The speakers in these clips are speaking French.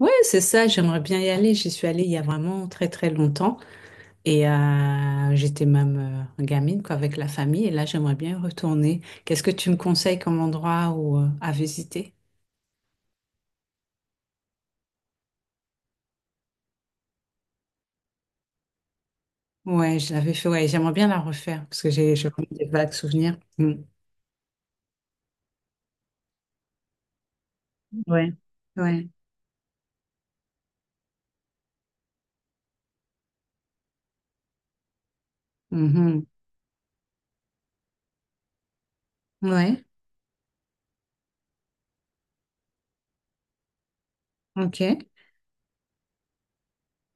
Ouais, c'est ça, j'aimerais bien y aller. J'y suis allée il y a vraiment très très longtemps et j'étais même gamine quoi, avec la famille et là j'aimerais bien y retourner. Qu'est-ce que tu me conseilles comme endroit ou à visiter? Ouais, je l'avais fait, ouais, j'aimerais bien la refaire parce que j'ai vraiment des vagues souvenirs. Mm. Ouais, ouais, mhm. Ouais, ok.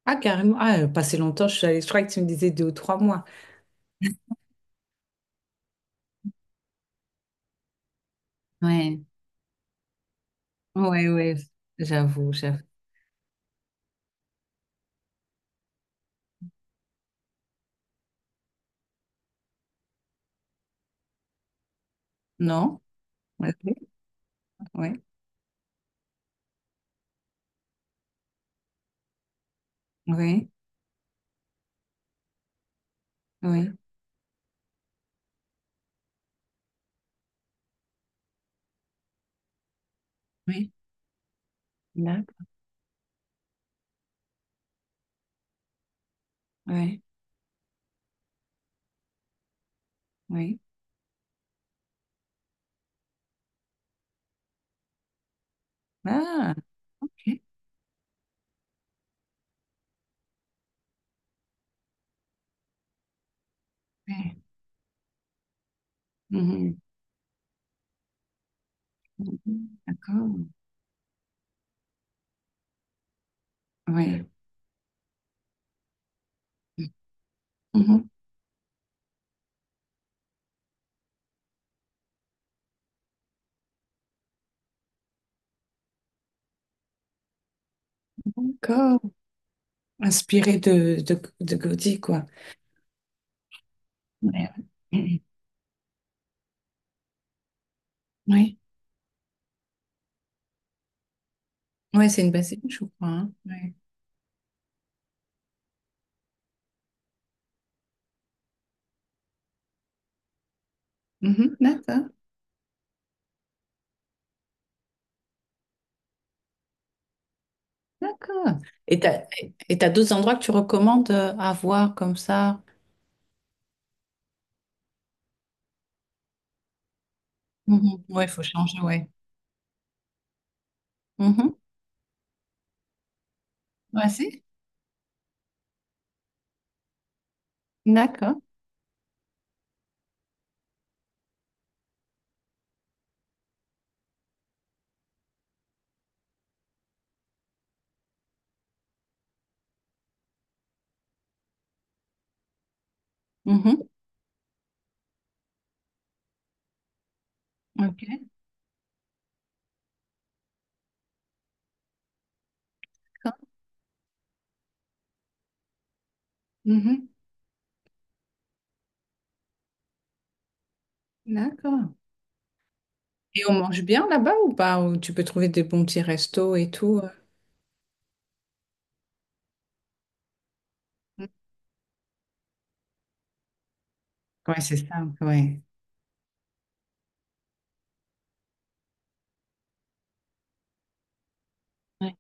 Ah, carrément, ah, pas si longtemps, je suis allée, je crois que tu me disais deux ou trois mois. Ouais, ouais, ouais, j'avoue, j'avoue. Non? Ouais, ouais, ouais, ouais, ouais. Oui, oui. Ah, ok. Ouais. Mhm, mhm, d'accord. Oui. Mhm. D'accord. Inspiré de Gaudi, quoi. Ouais. Mhm. Oui. Oui, c'est une bassine, je crois, hein. Ouais. Mhm, d'accord. D'accord. Et t'as d'autres endroits que tu recommandes à voir comme ça? Mhm. Ouais, il faut changer, ouais. Mhm. Ouais, si. D'accord. Mhm. Ok. D'accord. Mhm. D'accord. Et on mange bien là-bas ou pas? Ou tu peux trouver des bons petits restos et tout, Ouais, c'est ça, ouais. Ouais,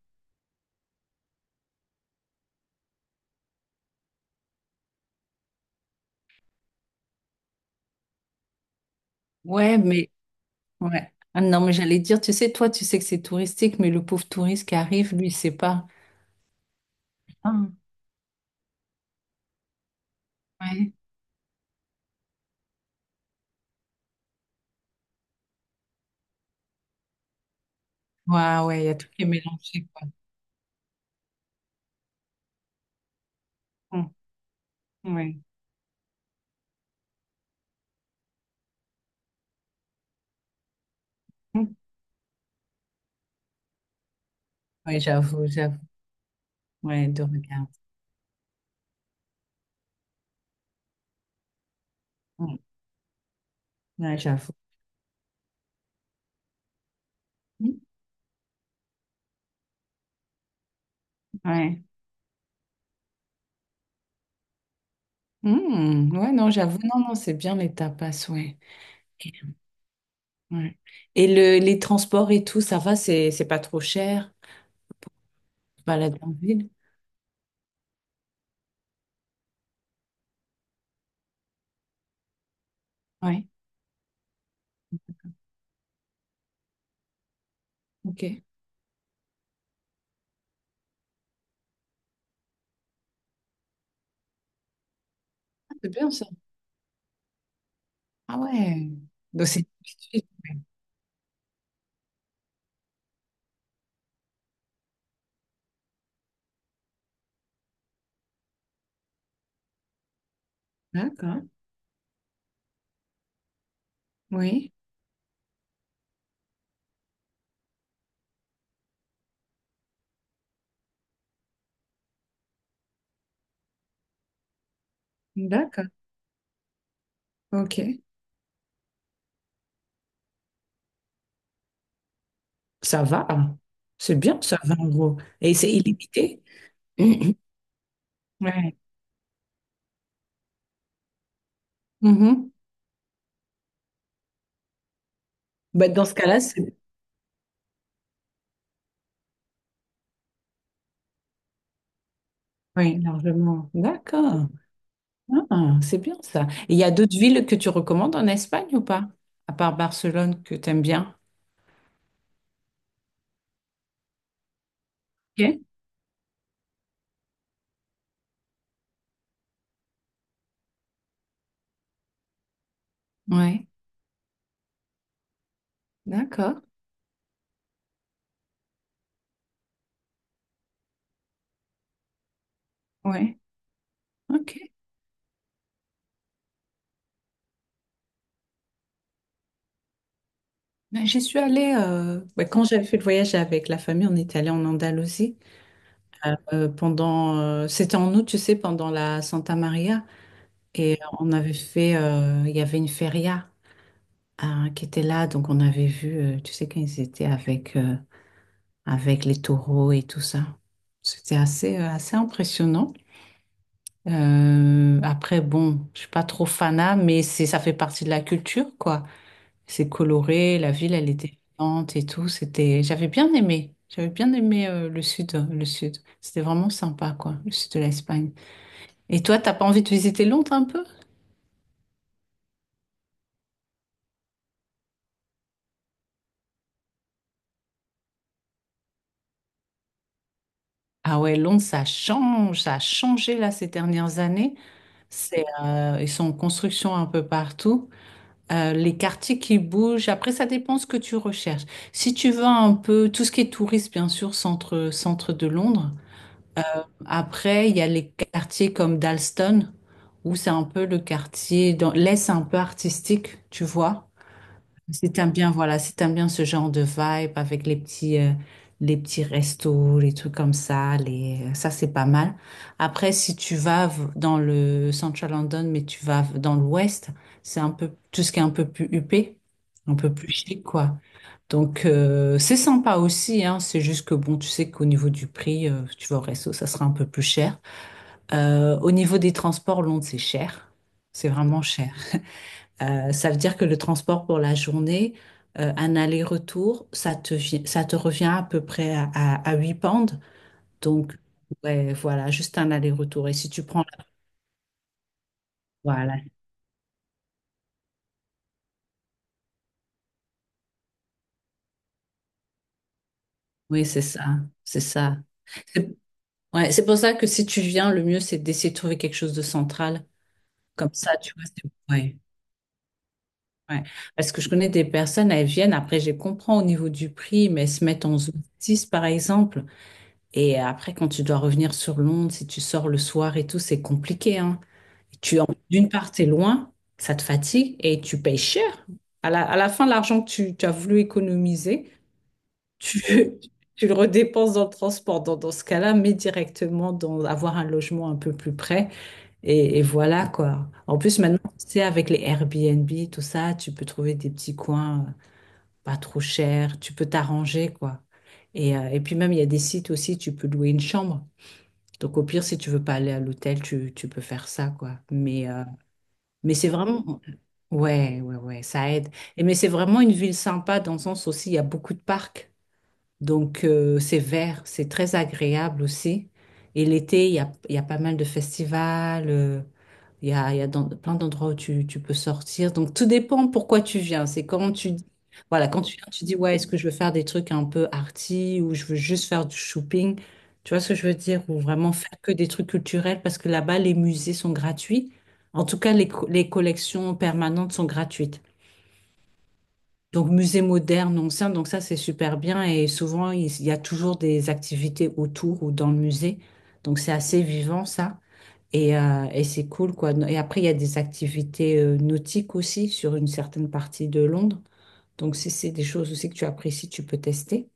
ouais, mais ouais. Ah non, mais j'allais dire, tu sais, toi, tu sais que c'est touristique, mais le pauvre touriste qui arrive, lui, il sait pas. Hum, ouais, ouais, ouais, il y a tout qui est mélangé, quoi. Hum, ouais, hum, ouais, j'avoue, j'avoue. Ouais, de regard. Hum, ouais, j'avoue. Hum, Ouais. Ouais, non, j'avoue. Non, non, c'est bien les tapas, ouais. Ouais. Et le, les transports et tout, ça va, c'est pas trop cher. Balade en ville. Ouais. Ok. Ah, c'est bien ça. Ah ouais. Donc c'est une habitude. D'accord. Oui. D'accord. Ok. Ça va. C'est bien, ça va en gros. Et c'est illimité. Ouais. Mhm. Bah, dans ce cas-là, c'est oui, largement. D'accord. Ah, c'est bien ça. Et il y a d'autres villes que tu recommandes en Espagne ou pas? À part Barcelone que tu aimes bien. Ok. Ouais. D'accord. Ouais. Ok. Ouais, j'y suis allée ouais, quand j'avais fait le voyage avec la famille, on est allé en Andalousie pendant c'était en août, tu sais, pendant la Santa Maria et on avait fait il y avait une feria hein, qui était là donc on avait vu tu sais quand ils étaient avec avec les taureaux et tout ça. C'était assez assez impressionnant. Après bon, je suis pas trop fanat mais c'est ça fait partie de la culture quoi. C'est coloré, la ville, elle était vivante et tout. C'était, j'avais bien aimé. J'avais bien aimé le sud, le sud. C'était vraiment sympa, quoi, le sud de l'Espagne. Et toi, t'as pas envie de visiter Londres un peu? Ah ouais, Londres, ça change, ça a changé là ces dernières années. C'est, ils sont en construction un peu partout. Les quartiers qui bougent. Après, ça dépend ce que tu recherches. Si tu veux un peu tout ce qui est tourisme, bien sûr, centre, centre de Londres. Après, il y a les quartiers comme Dalston, où c'est un peu le quartier, dans l'Est un peu artistique, tu vois. Si t'aimes bien, voilà, si t'aimes bien ce genre de vibe avec les petits restos, les trucs comme ça, les, ça c'est pas mal. Après, si tu dans le Central London, mais tu dans l'ouest, c'est un peu, tout ce qui est un peu plus huppé, un peu plus chic, quoi. Donc, c'est sympa aussi, hein. C'est juste que bon, tu sais qu'au niveau du prix, tu vas au resto, ça sera un peu plus cher. Au niveau des transports, Londres, c'est cher. C'est vraiment cher. Ça veut dire que le transport pour la journée, un aller-retour, ça te, ça te revient à peu près à 8 pounds. Donc, ouais, voilà, juste un aller-retour. Et si tu prends la... Voilà, oui, c'est ça, c'est ça. C'est... Ouais, c'est pour ça que si tu viens, le mieux, c'est d'essayer de trouver quelque chose de central. Comme ça, tu vois, c'est... Ouais, ouais. Parce que je connais des personnes, elles viennent, après, je les comprends au niveau du prix, mais elles se mettent en zone 6, par exemple. Et après, quand tu dois revenir sur Londres, si tu sors le soir et tout, c'est compliqué, hein. D'une part, t'es loin, ça te fatigue et tu payes cher. À la fin, l'argent que tu as voulu économiser, tu, tu le redépenses dans le transport. Dans ce cas-là, mais directement dans avoir un logement un peu plus près. Et voilà quoi. En plus, maintenant, tu sais, avec les Airbnb, tout ça, tu peux trouver des petits coins pas trop chers. Tu peux t'arranger quoi. Et puis même, il y a des sites aussi, tu peux louer une chambre. Donc au pire, si tu veux pas aller à l'hôtel, tu peux faire ça quoi. Mais c'est vraiment... Ouais, ouais, ouais, ça aide. Et mais c'est vraiment une ville sympa dans le sens aussi, il y a beaucoup de parcs. Donc, c'est vert, c'est très agréable aussi. Et l'été, il y a pas mal de festivals, il y a plein d'endroits où tu peux sortir. Donc, tout dépend pourquoi tu viens. C'est quand voilà, quand tu viens, tu dis, ouais, est-ce que je veux faire des trucs un peu arty ou je veux juste faire du shopping? Tu vois ce que je veux dire? Ou vraiment faire que des trucs culturels parce que là-bas, les musées sont gratuits. En tout cas, les, les collections permanentes sont gratuites. Donc, musée moderne, ancien, donc ça, c'est super bien. Et souvent, il y a toujours des activités autour ou dans le musée. Donc, c'est assez vivant, ça. Et c'est cool, quoi. No, et après, il y a des activités nautiques aussi sur une certaine partie de Londres. Donc, si c'est des choses aussi que tu apprécies, tu peux tester.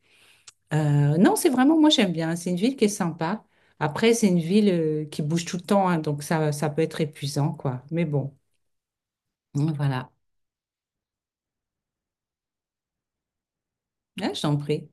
Non, c'est vraiment, moi, j'aime bien. C'est une ville qui est sympa. Après, c'est une ville qui bouge tout le temps, hein. Donc ça peut être épuisant, quoi. Mais bon, voilà. Ah, je t'en prie.